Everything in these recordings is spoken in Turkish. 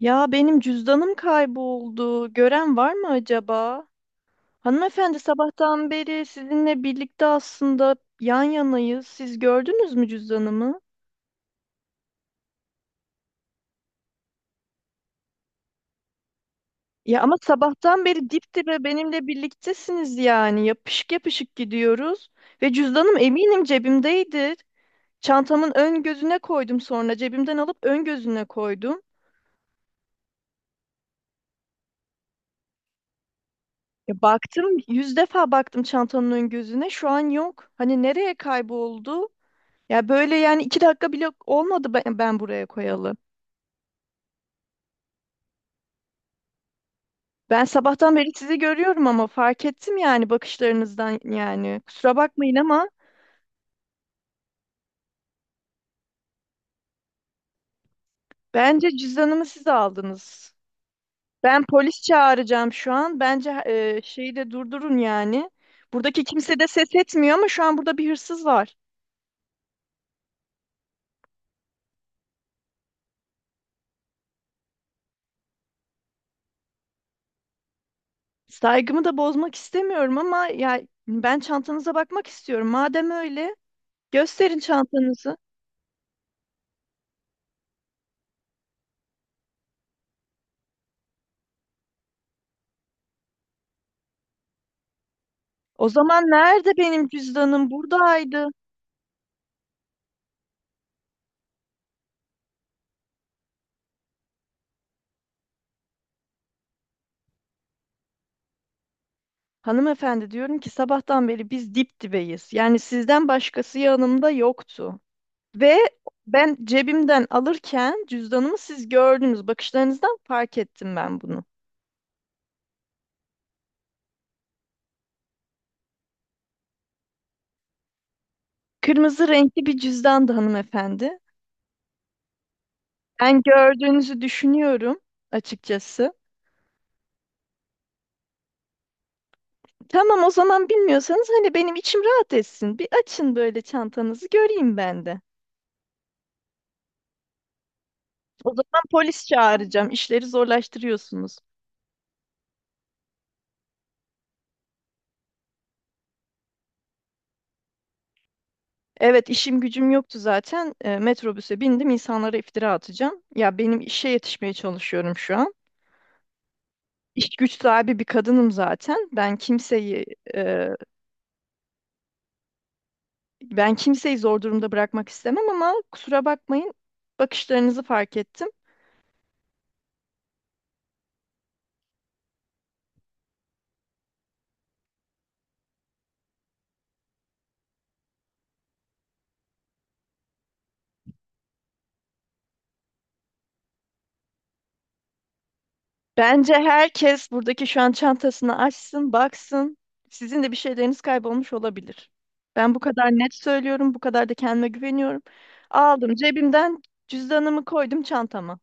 Ya benim cüzdanım kayboldu. Gören var mı acaba? Hanımefendi sabahtan beri sizinle birlikte aslında yan yanayız. Siz gördünüz mü cüzdanımı? Ya ama sabahtan beri dip dibe benimle birliktesiniz yani. Yapışık yapışık gidiyoruz. Ve cüzdanım eminim cebimdeydi. Çantamın ön gözüne koydum sonra. Cebimden alıp ön gözüne koydum. Ya baktım yüz defa baktım çantanın ön gözüne. Şu an yok. Hani nereye kayboldu? Ya böyle yani iki dakika bile olmadı ben buraya koyalı. Ben sabahtan beri sizi görüyorum ama fark ettim yani bakışlarınızdan yani. Kusura bakmayın ama bence cüzdanımı siz aldınız. Ben polis çağıracağım şu an. Bence şeyi de durdurun yani. Buradaki kimse de ses etmiyor ama şu an burada bir hırsız var. Saygımı da bozmak istemiyorum ama ya ben çantanıza bakmak istiyorum. Madem öyle gösterin çantanızı. O zaman nerede benim cüzdanım? Buradaydı. Hanımefendi diyorum ki sabahtan beri biz dip dibeyiz. Yani sizden başkası yanımda yoktu. Ve ben cebimden alırken cüzdanımı siz gördünüz. Bakışlarınızdan fark ettim ben bunu. Kırmızı renkli bir cüzdandı hanımefendi. Ben gördüğünüzü düşünüyorum açıkçası. Tamam o zaman bilmiyorsanız hani benim içim rahat etsin. Bir açın böyle çantanızı göreyim ben de. O zaman polis çağıracağım. İşleri zorlaştırıyorsunuz. Evet işim gücüm yoktu zaten. E, metrobüse bindim insanlara iftira atacağım. Ya benim işe yetişmeye çalışıyorum şu an. İş güç sahibi bir kadınım zaten. E, ben kimseyi zor durumda bırakmak istemem ama kusura bakmayın bakışlarınızı fark ettim. Bence herkes buradaki şu an çantasını açsın, baksın. Sizin de bir şeyleriniz kaybolmuş olabilir. Ben bu kadar net söylüyorum, bu kadar da kendime güveniyorum. Aldım cebimden cüzdanımı koydum çantama.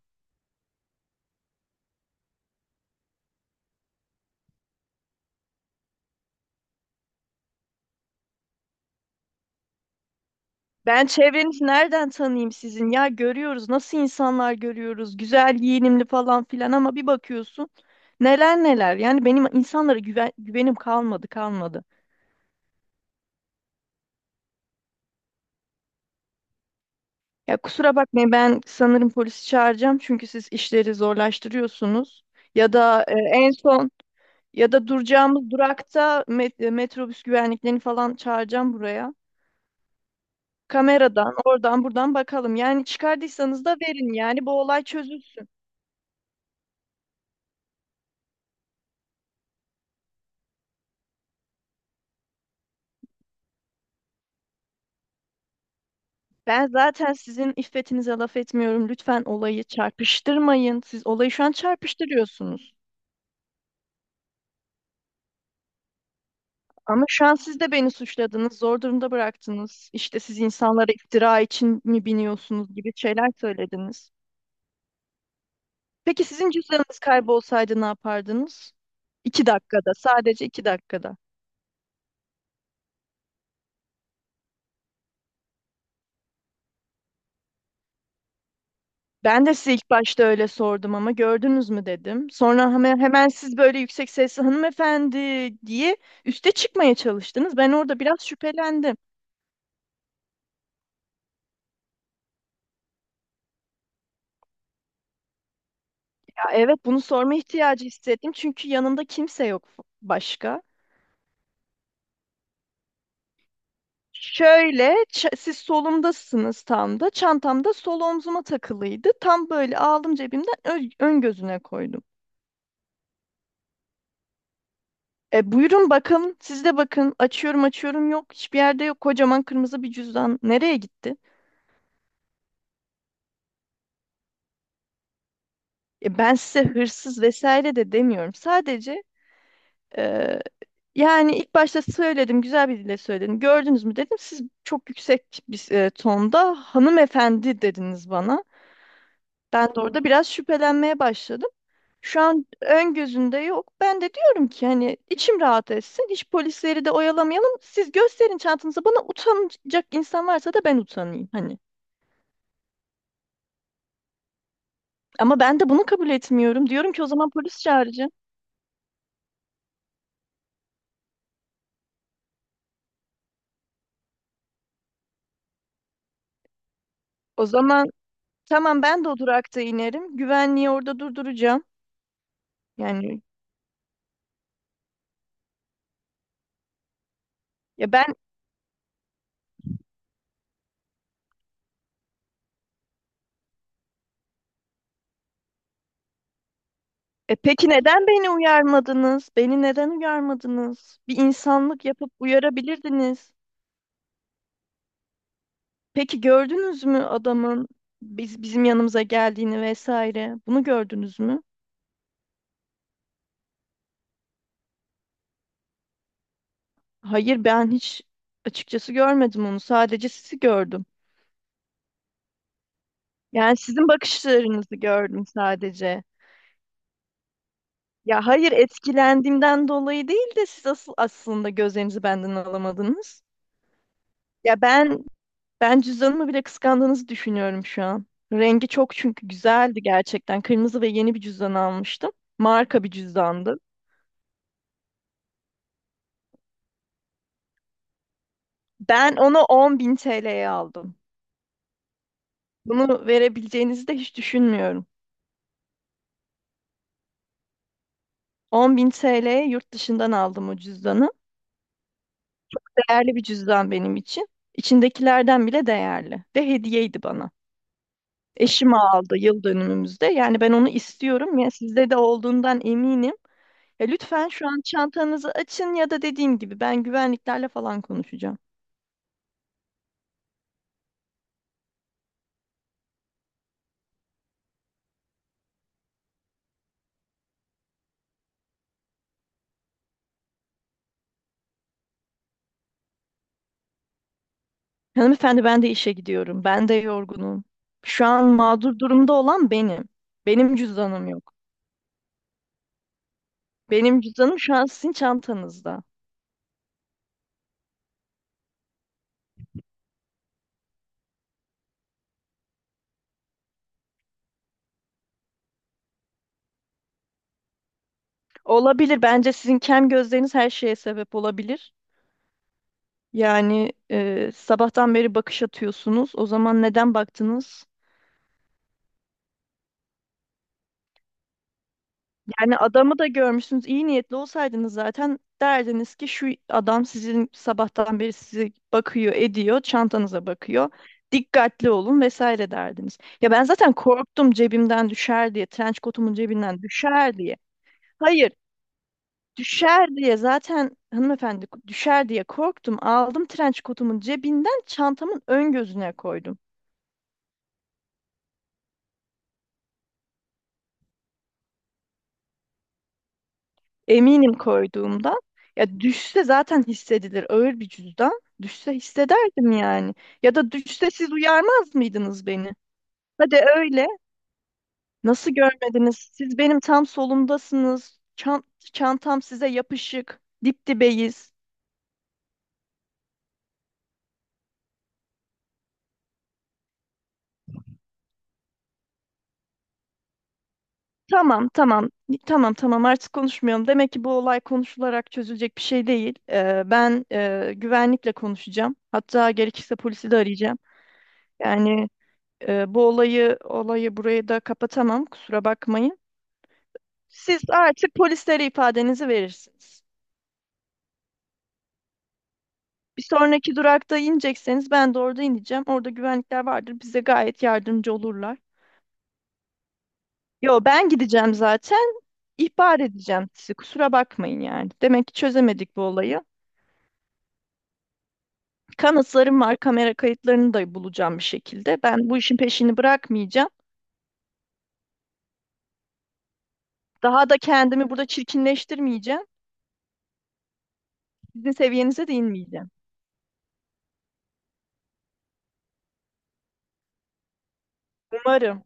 Ben çevrenizi nereden tanıyayım sizin? Ya görüyoruz nasıl insanlar görüyoruz. Güzel giyinimli falan filan ama bir bakıyorsun neler neler. Yani benim insanlara güvenim kalmadı kalmadı. Ya kusura bakmayın ben sanırım polisi çağıracağım çünkü siz işleri zorlaştırıyorsunuz. Ya da en son ya da duracağımız durakta metrobüs güvenliklerini falan çağıracağım buraya. Kameradan oradan buradan bakalım. Yani çıkardıysanız da verin yani bu olay çözülsün. Ben zaten sizin iffetinize laf etmiyorum. Lütfen olayı çarpıştırmayın. Siz olayı şu an çarpıştırıyorsunuz. Ama şu an siz de beni suçladınız, zor durumda bıraktınız. İşte siz insanlara iftira için mi biniyorsunuz gibi şeyler söylediniz. Peki sizin cüzdanınız kaybolsaydı ne yapardınız? İki dakikada, sadece iki dakikada. Ben de size ilk başta öyle sordum ama gördünüz mü dedim. Sonra hemen, hemen siz böyle yüksek sesli hanımefendi diye üste çıkmaya çalıştınız. Ben orada biraz şüphelendim. Evet bunu sorma ihtiyacı hissettim çünkü yanımda kimse yok başka. Şöyle siz solumdasınız tam da çantamda sol omzuma takılıydı. Tam böyle aldım cebimden ön gözüne koydum. E, buyurun bakın siz de bakın açıyorum açıyorum yok hiçbir yerde yok kocaman kırmızı bir cüzdan nereye gitti? E, ben size hırsız vesaire de demiyorum sadece. Yani ilk başta söyledim, güzel bir dille söyledim. Gördünüz mü dedim. Siz çok yüksek bir tonda hanımefendi dediniz bana. Ben de orada biraz şüphelenmeye başladım. Şu an ön gözünde yok. Ben de diyorum ki hani içim rahat etsin. Hiç polisleri de oyalamayalım. Siz gösterin çantanızı. Bana utanacak insan varsa da ben utanayım hani. Ama ben de bunu kabul etmiyorum. Diyorum ki o zaman polis çağıracağım. O zaman tamam ben de o durakta inerim. Güvenliği orada durduracağım. Yani ya ben. E peki neden beni uyarmadınız? Beni neden uyarmadınız? Bir insanlık yapıp uyarabilirdiniz. Peki gördünüz mü adamın bizim yanımıza geldiğini vesaire? Bunu gördünüz mü? Hayır, ben hiç açıkçası görmedim onu. Sadece sizi gördüm. Yani sizin bakışlarınızı gördüm sadece. Ya hayır etkilendiğimden dolayı değil de siz asıl aslında gözlerinizi benden alamadınız. Ya ben Ben cüzdanımı bile kıskandığınızı düşünüyorum şu an. Rengi çok çünkü güzeldi gerçekten. Kırmızı ve yeni bir cüzdan almıştım. Marka bir cüzdandı. Ben onu 10.000 TL'ye aldım. Bunu verebileceğinizi de hiç düşünmüyorum. 10.000 TL'ye yurt dışından aldım o cüzdanı. Değerli bir cüzdan benim için. İçindekilerden bile değerli. Ve hediyeydi bana. Eşim aldı yıl dönümümüzde. Yani ben onu istiyorum ya sizde de olduğundan eminim. Ya lütfen şu an çantanızı açın ya da dediğim gibi ben güvenliklerle falan konuşacağım. Hanımefendi ben de işe gidiyorum. Ben de yorgunum. Şu an mağdur durumda olan benim. Benim cüzdanım yok. Benim cüzdanım şu an sizin çantanızda. Olabilir. Bence sizin kem gözleriniz her şeye sebep olabilir. Yani sabahtan beri bakış atıyorsunuz. O zaman neden baktınız? Yani adamı da görmüşsünüz. İyi niyetli olsaydınız zaten derdiniz ki şu adam sizin sabahtan beri sizi bakıyor, ediyor, çantanıza bakıyor. Dikkatli olun vesaire derdiniz. Ya ben zaten korktum cebimden düşer diye, trenç kotumun cebinden düşer diye. Hayır, düşer diye zaten hanımefendi düşer diye korktum. Aldım trenç kotumun cebinden çantamın ön gözüne koydum. Eminim koyduğumdan. Ya düşse zaten hissedilir. Ağır bir cüzdan. Düşse hissederdim yani. Ya da düşse siz uyarmaz mıydınız beni? Hadi öyle. Nasıl görmediniz? Siz benim tam solumdasınız. Çantam size yapışık. Dip dibeyiz. Tamam, tamam. Tamam, tamam artık konuşmayalım. Demek ki bu olay konuşularak çözülecek bir şey değil. Ben güvenlikle konuşacağım. Hatta gerekirse polisi de arayacağım. Yani. Bu olayı burayı da kapatamam. Kusura bakmayın. Siz artık polislere ifadenizi verirsiniz. Bir sonraki durakta inecekseniz ben de orada ineceğim. Orada güvenlikler vardır. Bize gayet yardımcı olurlar. Yo ben gideceğim zaten. İhbar edeceğim sizi. Kusura bakmayın yani. Demek ki çözemedik bu olayı. Kanıtlarım var. Kamera kayıtlarını da bulacağım bir şekilde. Ben bu işin peşini bırakmayacağım. Daha da kendimi burada çirkinleştirmeyeceğim. Sizin seviyenize de inmeyeceğim. Umarım.